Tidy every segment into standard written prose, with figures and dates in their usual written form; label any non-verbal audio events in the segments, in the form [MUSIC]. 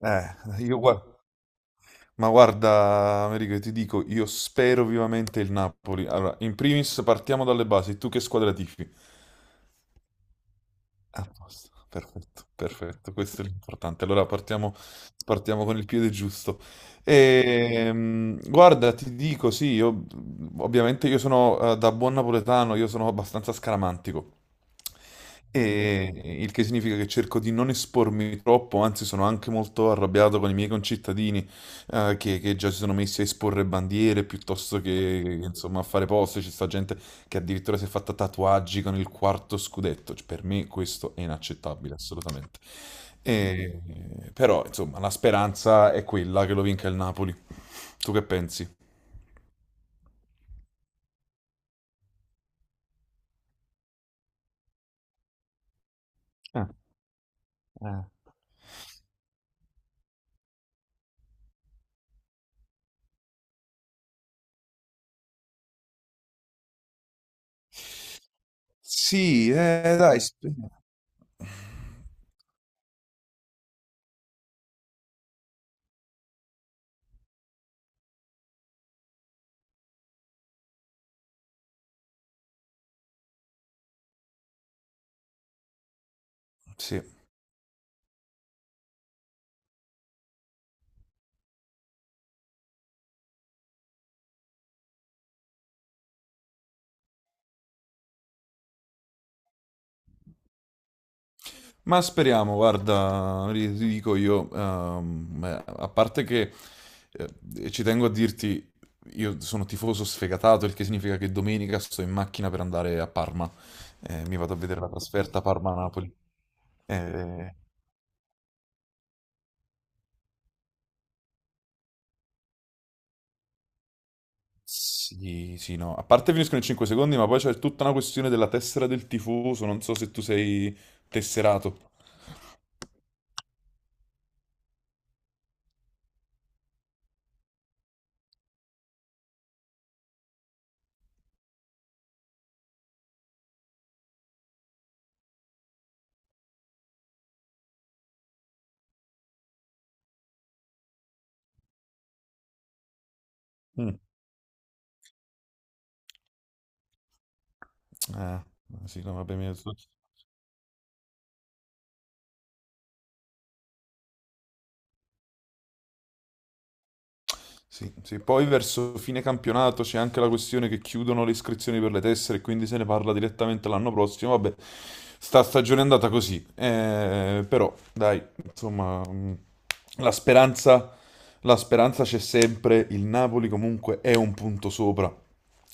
Eh, io gua- ma guarda, Americo, io ti dico, io spero vivamente il Napoli. Allora, in primis partiamo dalle basi. Tu che squadra tifi? A posto, perfetto, perfetto, questo è l'importante. Allora partiamo con il piede giusto. Guarda, ti dico, sì, io, ovviamente io sono da buon napoletano, io sono abbastanza scaramantico, e, il che significa che cerco di non espormi troppo, anzi sono anche molto arrabbiato con i miei concittadini che già si sono messi a esporre bandiere piuttosto che, insomma, a fare post, ci sta gente che addirittura si è fatta tatuaggi con il quarto scudetto. Cioè, per me questo è inaccettabile, assolutamente. Però, insomma, la speranza è quella che lo vinca il Napoli. Tu che pensi? Ah, ah. Sì, dai, sì. Ma speriamo, guarda, ti dico io, a parte che ci tengo a dirti, io sono tifoso sfegatato, il che significa che domenica sto in macchina per andare a Parma. Mi vado a vedere la trasferta Parma-Napoli. Eh, sì, sì, no, a parte finiscono in 5 secondi, ma poi c'è tutta una questione della tessera del tifoso, non so se tu sei tesserato. Mm. Eh, sì, no, vabbè, mi... Sì, sì. Poi verso fine campionato c'è anche la questione che chiudono le iscrizioni per le tessere, e quindi se ne parla direttamente l'anno prossimo. Vabbè, sta stagione è andata così. Però, dai, insomma, la speranza, la speranza c'è sempre. Il Napoli comunque è un punto sopra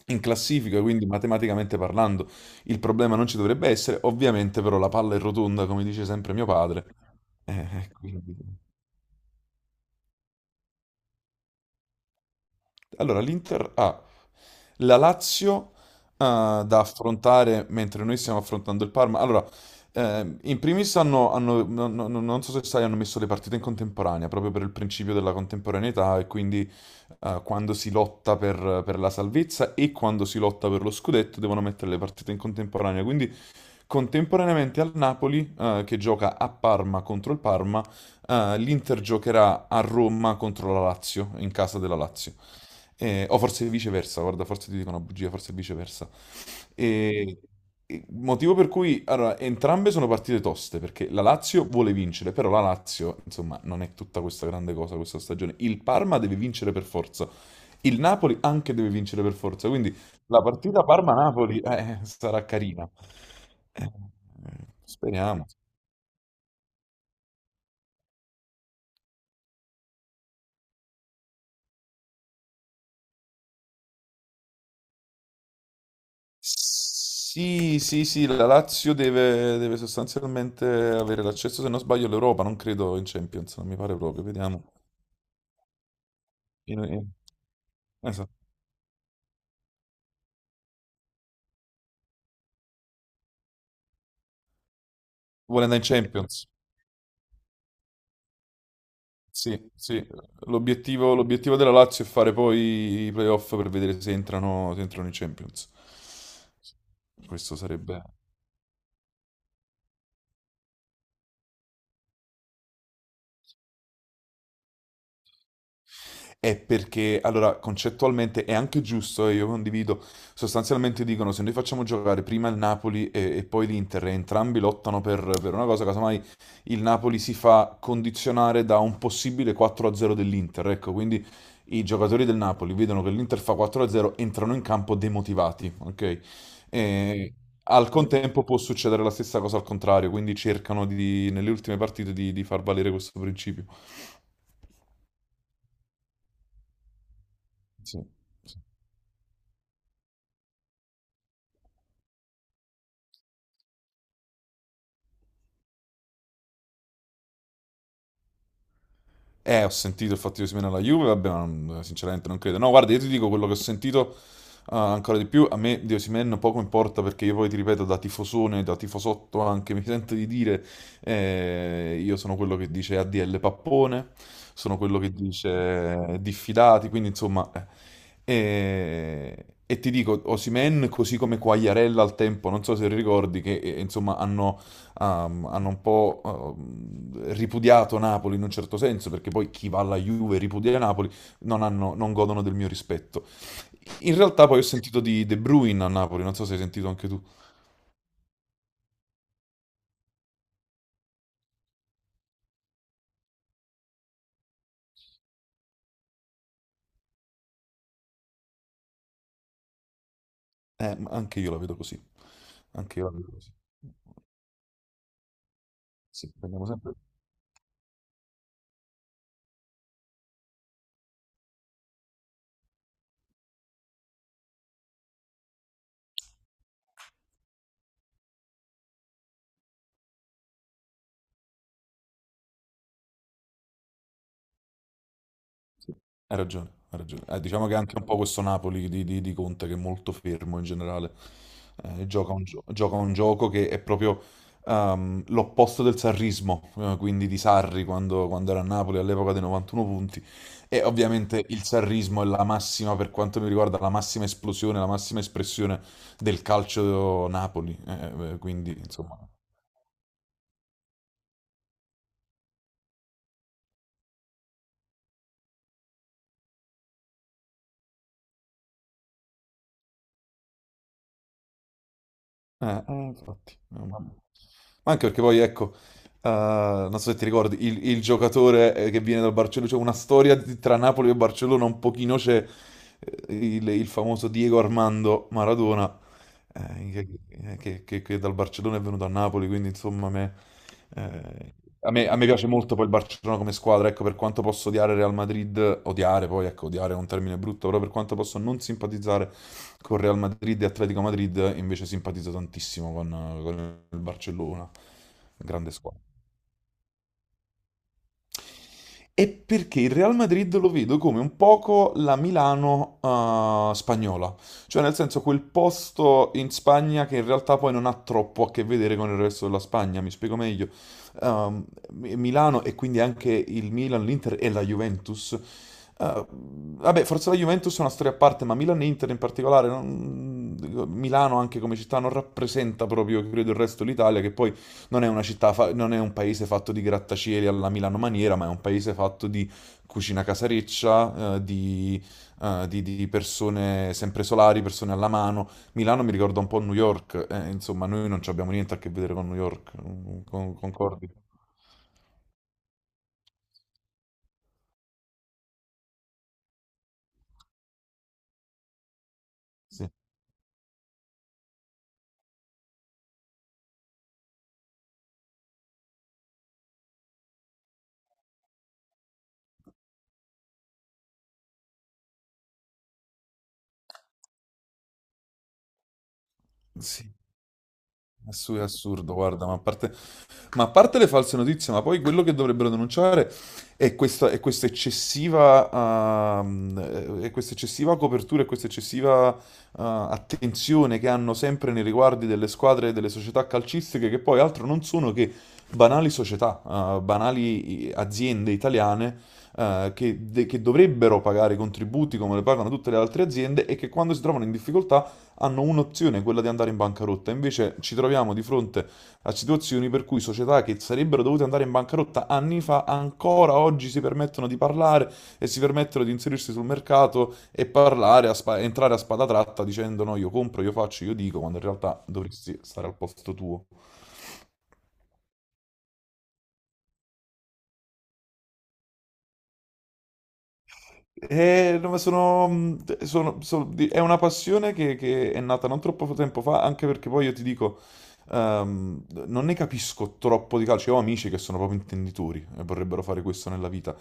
in classifica, quindi matematicamente parlando il problema non ci dovrebbe essere. Ovviamente però la palla è rotonda, come dice sempre mio padre. Quindi- allora, l'Inter ha la Lazio da affrontare mentre noi stiamo affrontando il Parma. Allora, in primis non so se sai, hanno messo le partite in contemporanea proprio per il principio della contemporaneità e quindi quando si lotta per la salvezza e quando si lotta per lo scudetto devono mettere le partite in contemporanea. Quindi contemporaneamente al Napoli, che gioca a Parma contro il Parma, l'Inter giocherà a Roma contro la Lazio, in casa della Lazio. O forse viceversa, guarda, forse ti dico una bugia, forse viceversa. E, e motivo per cui, allora, entrambe sono partite toste, perché la Lazio vuole vincere, però la Lazio, insomma, non è tutta questa grande cosa questa stagione. Il Parma deve vincere per forza, il Napoli anche deve vincere per forza, quindi la partita Parma-Napoli sarà carina. Eh, speriamo. Sì, sì, sì, la Lazio deve sostanzialmente avere l'accesso, se non sbaglio, all'Europa, non credo in Champions, non mi pare proprio, vediamo. In- in- esatto. Vuole andare in Champions. Sì, sì. L'obiettivo della Lazio è fare poi i playoff per vedere se se entrano in Champions. Questo sarebbe... È perché, allora, concettualmente è anche giusto e io condivido, sostanzialmente dicono se noi facciamo giocare prima il Napoli e poi l'Inter e entrambi lottano per una cosa, casomai il Napoli si fa condizionare da un possibile 4-0 dell'Inter, ecco, quindi i giocatori del Napoli vedono che l'Inter fa 4-0, entrano in campo demotivati, ok? E al contempo può succedere la stessa cosa al contrario, quindi cercano nelle ultime partite di far valere questo principio. Sì, eh, ho sentito il fatto che Osimhen alla Juve, vabbè, sinceramente non credo. No, guarda, io ti dico quello che ho sentito ah, ancora di più. A me di Osimhen poco importa perché io poi ti ripeto, da tifosone, da tifosotto anche, [LAUGHS] mi sento di dire, io sono quello che dice ADL pappone, sono quello che dice diffidati, quindi insomma.... e ti dico, Osimhen, così come Quagliarella al tempo, non so se ricordi, che insomma hanno un po' ripudiato Napoli in un certo senso, perché poi chi va alla Juve e ripudia Napoli non godono del mio rispetto. In realtà poi ho sentito di De Bruyne a Napoli, non so se hai sentito anche tu. Ma anche io la vedo così. Anche io la vedo così. Sì, prendiamo sempre. Hai ragione, hai ragione. Diciamo che anche un po' questo Napoli di Conte che è molto fermo in generale, gioca gioca un gioco che è proprio l'opposto del sarrismo, quindi di Sarri quando era a Napoli all'epoca dei 91 punti. E ovviamente il sarrismo è la massima, per quanto mi riguarda, la massima esplosione, la massima espressione del calcio Napoli. Eh, quindi, insomma... infatti, vabbè. Ma anche perché poi, ecco, eh, non so se ti ricordi, il giocatore che viene dal Barcellona, c'è una storia di- tra Napoli e Barcellona un pochino c'è, il famoso Diego Armando Maradona, eh, che, che dal Barcellona è venuto a Napoli, quindi insomma eh, a me piace molto poi il Barcellona come squadra, ecco per quanto posso odiare Real Madrid, odiare poi, ecco odiare è un termine brutto, però per quanto posso non simpatizzare con Real Madrid e Atletico Madrid, invece simpatizzo tantissimo con il Barcellona, grande squadra. È perché il Real Madrid lo vedo come un poco la Milano, spagnola, cioè nel senso quel posto in Spagna che in realtà poi non ha troppo a che vedere con il resto della Spagna, mi spiego meglio. Ehm, Milano e quindi anche il Milan, l'Inter e la Juventus. Eh, vabbè, forse la Juventus è una storia a parte, ma Milan e Inter in particolare, non- Milano anche come città non rappresenta proprio, credo, il resto dell'Italia, che poi non è una città, non è un paese fatto di grattacieli alla Milano maniera, ma è un paese fatto di cucina casareccia, di, di persone sempre solari, persone alla mano. Milano mi ricorda un po' New York, insomma, noi non ci abbiamo niente a che vedere con New York, concordi? Sì, sì, è assurdo, guarda, ma a parte ma a parte le false notizie, ma poi quello che dovrebbero denunciare è è questa eccessiva copertura e questa eccessiva attenzione che hanno sempre nei riguardi delle squadre e delle società calcistiche, che poi altro non sono che banali società, banali aziende italiane che, che dovrebbero pagare i contributi come le pagano tutte le altre aziende e che quando si trovano in difficoltà hanno un'opzione, quella di andare in bancarotta. Invece ci troviamo di fronte a situazioni per cui società che sarebbero dovute andare in bancarotta anni fa ancora oggi si permettono di parlare e si permettono di inserirsi sul mercato e parlare, entrare a spada tratta dicendo no, io compro, io faccio, io dico, quando in realtà dovresti stare al posto tuo. No, ma è una passione che è nata non troppo tempo fa, anche perché poi io ti dico, non ne capisco troppo di calcio. Io ho amici che sono proprio intenditori e vorrebbero fare questo nella vita.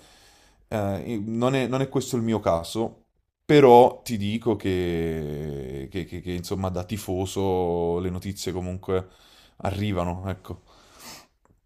Non è questo il mio caso, però ti dico che, insomma, da tifoso le notizie comunque arrivano, ecco.